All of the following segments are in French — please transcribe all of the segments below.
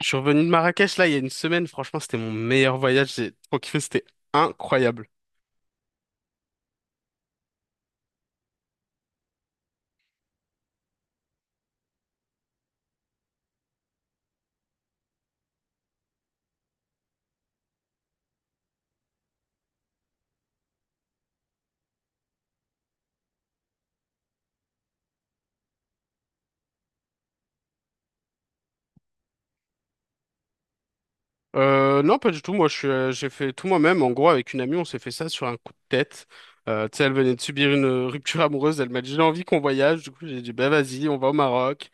Je suis revenu de Marrakech là il y a une semaine, franchement c'était mon meilleur voyage, j'ai trop kiffé, c'était incroyable. Non pas du tout, moi j'ai fait tout moi-même, en gros avec une amie on s'est fait ça sur un coup de tête. Tu sais elle venait de subir une rupture amoureuse, elle m'a dit j'ai envie qu'on voyage, du coup j'ai dit bah vas-y on va au Maroc.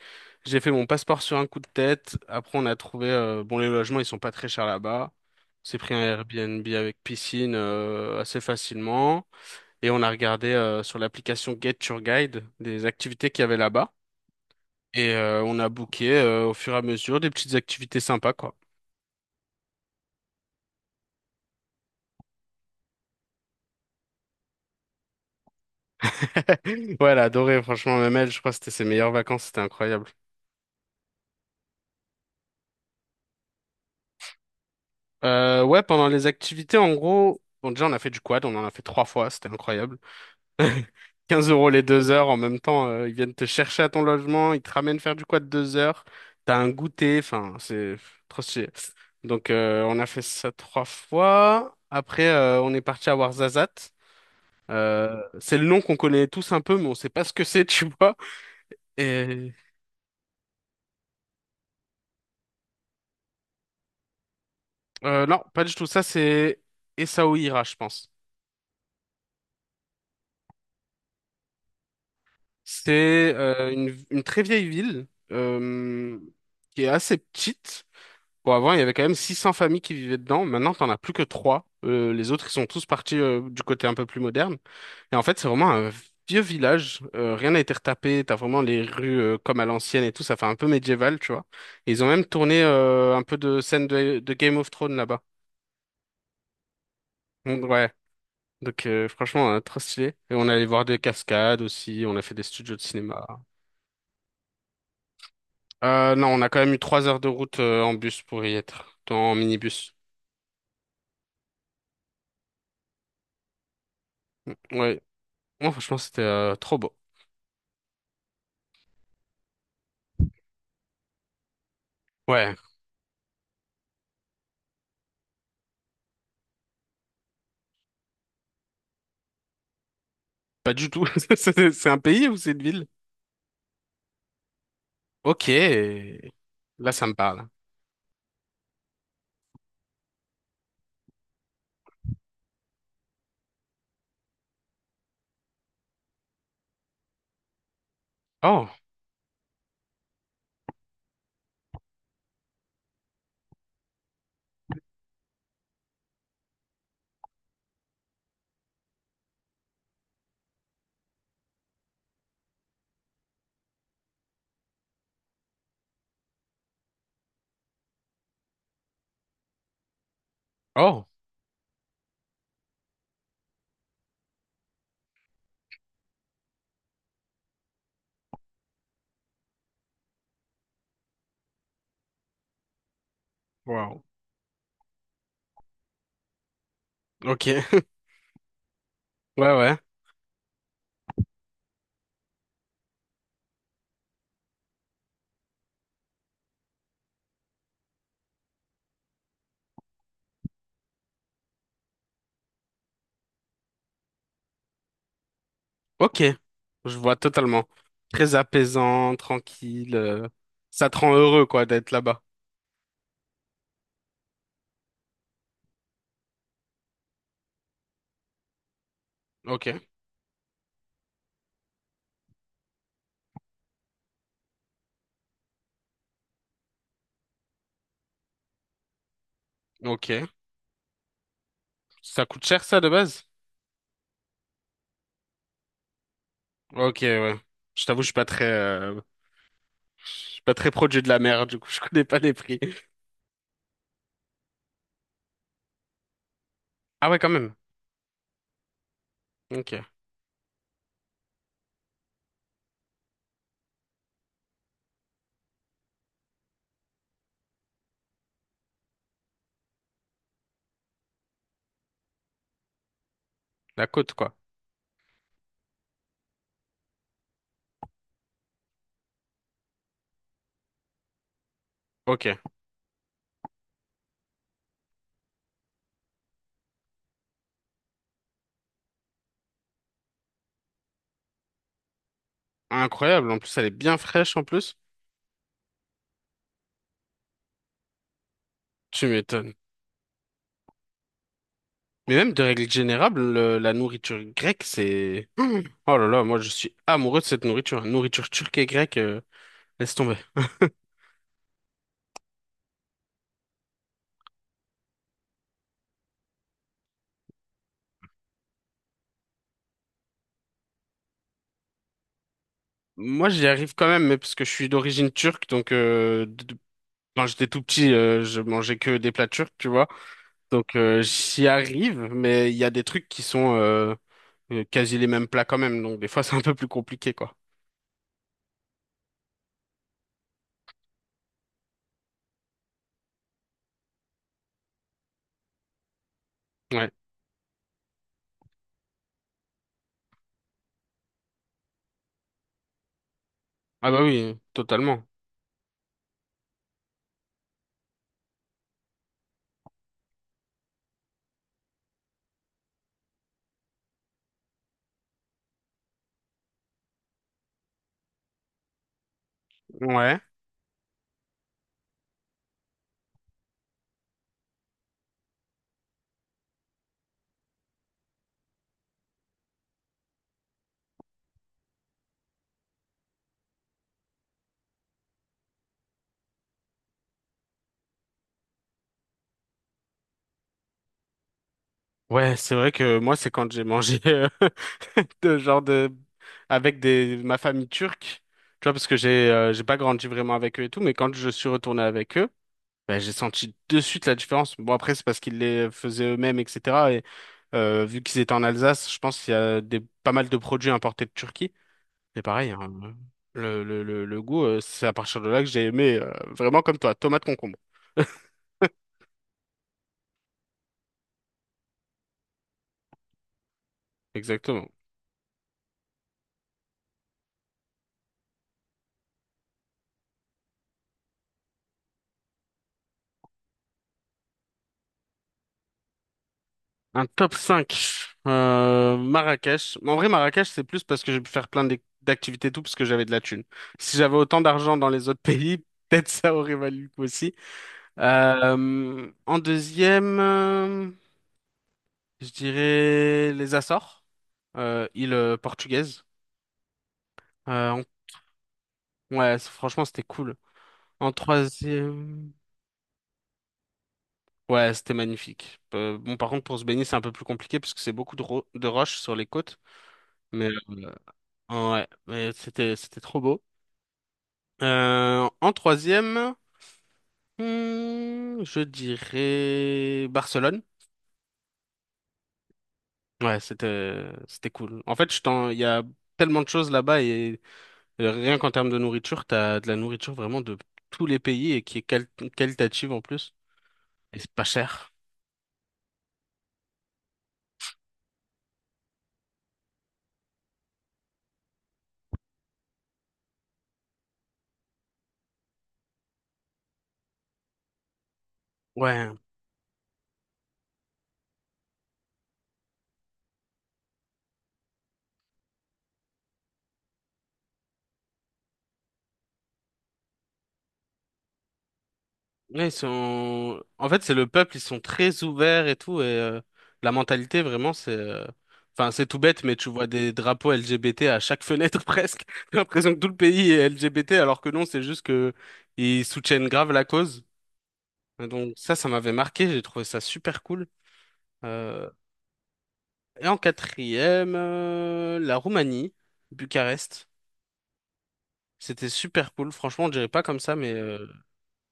J'ai fait mon passeport sur un coup de tête, après on a trouvé, bon les logements ils sont pas très chers là-bas. On s'est pris un Airbnb avec piscine assez facilement et on a regardé sur l'application Get Your Guide des activités qu'il y avait là-bas. Et on a booké au fur et à mesure des petites activités sympas, quoi. Ouais, elle a adoré, franchement, même elle, je crois que c'était ses meilleures vacances, c'était incroyable. Ouais, pendant les activités, en gros, bon, déjà, on a fait du quad, on en a fait 3 fois, c'était incroyable. 15 euros les 2 heures, en même temps, ils viennent te chercher à ton logement, ils te ramènent faire du quad 2 heures, t'as un goûter, enfin, c'est trop stylé. Donc, on a fait ça 3 fois. Après, on est parti à Ouarzazate. C'est le nom qu'on connaît tous un peu, mais on sait pas ce que c'est, tu vois. Et non, pas du tout. Ça, c'est Essaouira, je pense. C'est une très vieille ville euh, qui est assez petite. Bon, avant, il y avait quand même 600 familles qui vivaient dedans. Maintenant, t'en as plus que trois. Les autres, ils sont tous partis du côté un peu plus moderne. Et en fait, c'est vraiment un vieux village. Rien n'a été retapé. T'as vraiment les rues comme à l'ancienne et tout. Ça fait un peu médiéval, tu vois. Et ils ont même tourné un peu de scènes de Game of Thrones là-bas. Donc, ouais. Donc, franchement, trop stylé. Et on allait voir des cascades aussi. On a fait des studios de cinéma. Non, on a quand même eu 3 heures de route en bus pour y être. En minibus. Ouais. Moi, franchement, c'était trop beau. Ouais, pas du tout. C'est un pays ou c'est une ville? Ok. Là, ça me parle. Oh, oh, wow. Ok. Ouais. Ok. Je vois totalement. Très apaisant, tranquille. Ça te rend heureux, quoi, d'être là-bas. Ok. Ok. Ça coûte cher, ça, de base? Ok, ouais. Je t'avoue, je suis pas très produit de la mer, du coup, je connais pas les prix. Ah ouais, quand même. Ok. La côte, quoi. Ok. Incroyable. En plus, elle est bien fraîche, en plus. Tu m'étonnes. Mais même de règle générale, la nourriture grecque, c'est... Mmh. Oh là là, moi je suis amoureux de cette nourriture. Nourriture turque et grecque, laisse tomber. Moi j'y arrive quand même, mais parce que je suis d'origine turque, quand j'étais tout petit, je mangeais que des plats turcs, tu vois. Donc j'y arrive, mais il y a des trucs qui sont quasi les mêmes plats quand même, donc des fois c'est un peu plus compliqué, quoi. Ouais. Ah bah oui, totalement. Ouais. Ouais, c'est vrai que moi, c'est quand j'ai mangé de genre de avec des ma famille turque, tu vois, parce que j'ai pas grandi vraiment avec eux et tout, mais quand je suis retourné avec eux, ben, j'ai senti de suite la différence. Bon après, c'est parce qu'ils les faisaient eux-mêmes, etc. Et vu qu'ils étaient en Alsace, je pense qu'il y a des pas mal de produits importés de Turquie. C'est pareil, hein, le goût, c'est à partir de là que j'ai aimé vraiment comme toi, tomate concombre. Exactement. Un top cinq. Marrakech. En vrai, Marrakech, c'est plus parce que j'ai pu faire plein d'activités et tout, parce que j'avais de la thune. Si j'avais autant d'argent dans les autres pays, peut-être ça aurait valu le coup aussi. En deuxième, je dirais les Açores, île portugaise. Euh, en- Ouais, franchement, c'était cool. En troisième, ouais, c'était magnifique. Bon, par contre, pour se baigner, c'est un peu plus compliqué, parce que c'est beaucoup de, de roches sur les côtes. Mais euh, Ouais, mais c'était trop beau. En troisième, je dirais Barcelone. Ouais, c'était cool. En fait, il y a tellement de choses là-bas et rien qu'en termes de nourriture, t'as de la nourriture vraiment de tous les pays et qui est qualitative en plus. Et c'est pas cher. Ouais. Ouais, ils sont... En fait, c'est le peuple, ils sont très ouverts et tout, et la mentalité, vraiment, c'est... enfin, c'est tout bête, mais tu vois des drapeaux LGBT à chaque fenêtre, presque. J'ai l'impression que tout le pays est LGBT, alors que non, c'est juste que ils soutiennent grave la cause. Et donc ça m'avait marqué, j'ai trouvé ça super cool. Euh, Et en quatrième, la Roumanie, Bucarest. C'était super cool, franchement, on dirait pas comme ça, mais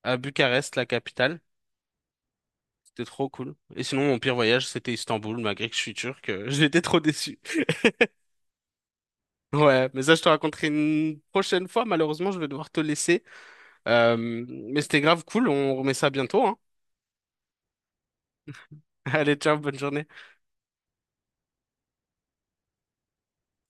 à Bucarest, la capitale. C'était trop cool. Et sinon, mon pire voyage, c'était Istanbul, malgré que je suis turc. J'étais trop déçu. Ouais, mais ça, je te raconterai une prochaine fois. Malheureusement, je vais devoir te laisser. Euh, mais c'était grave cool. On remet ça bientôt, hein. Allez, ciao, bonne journée.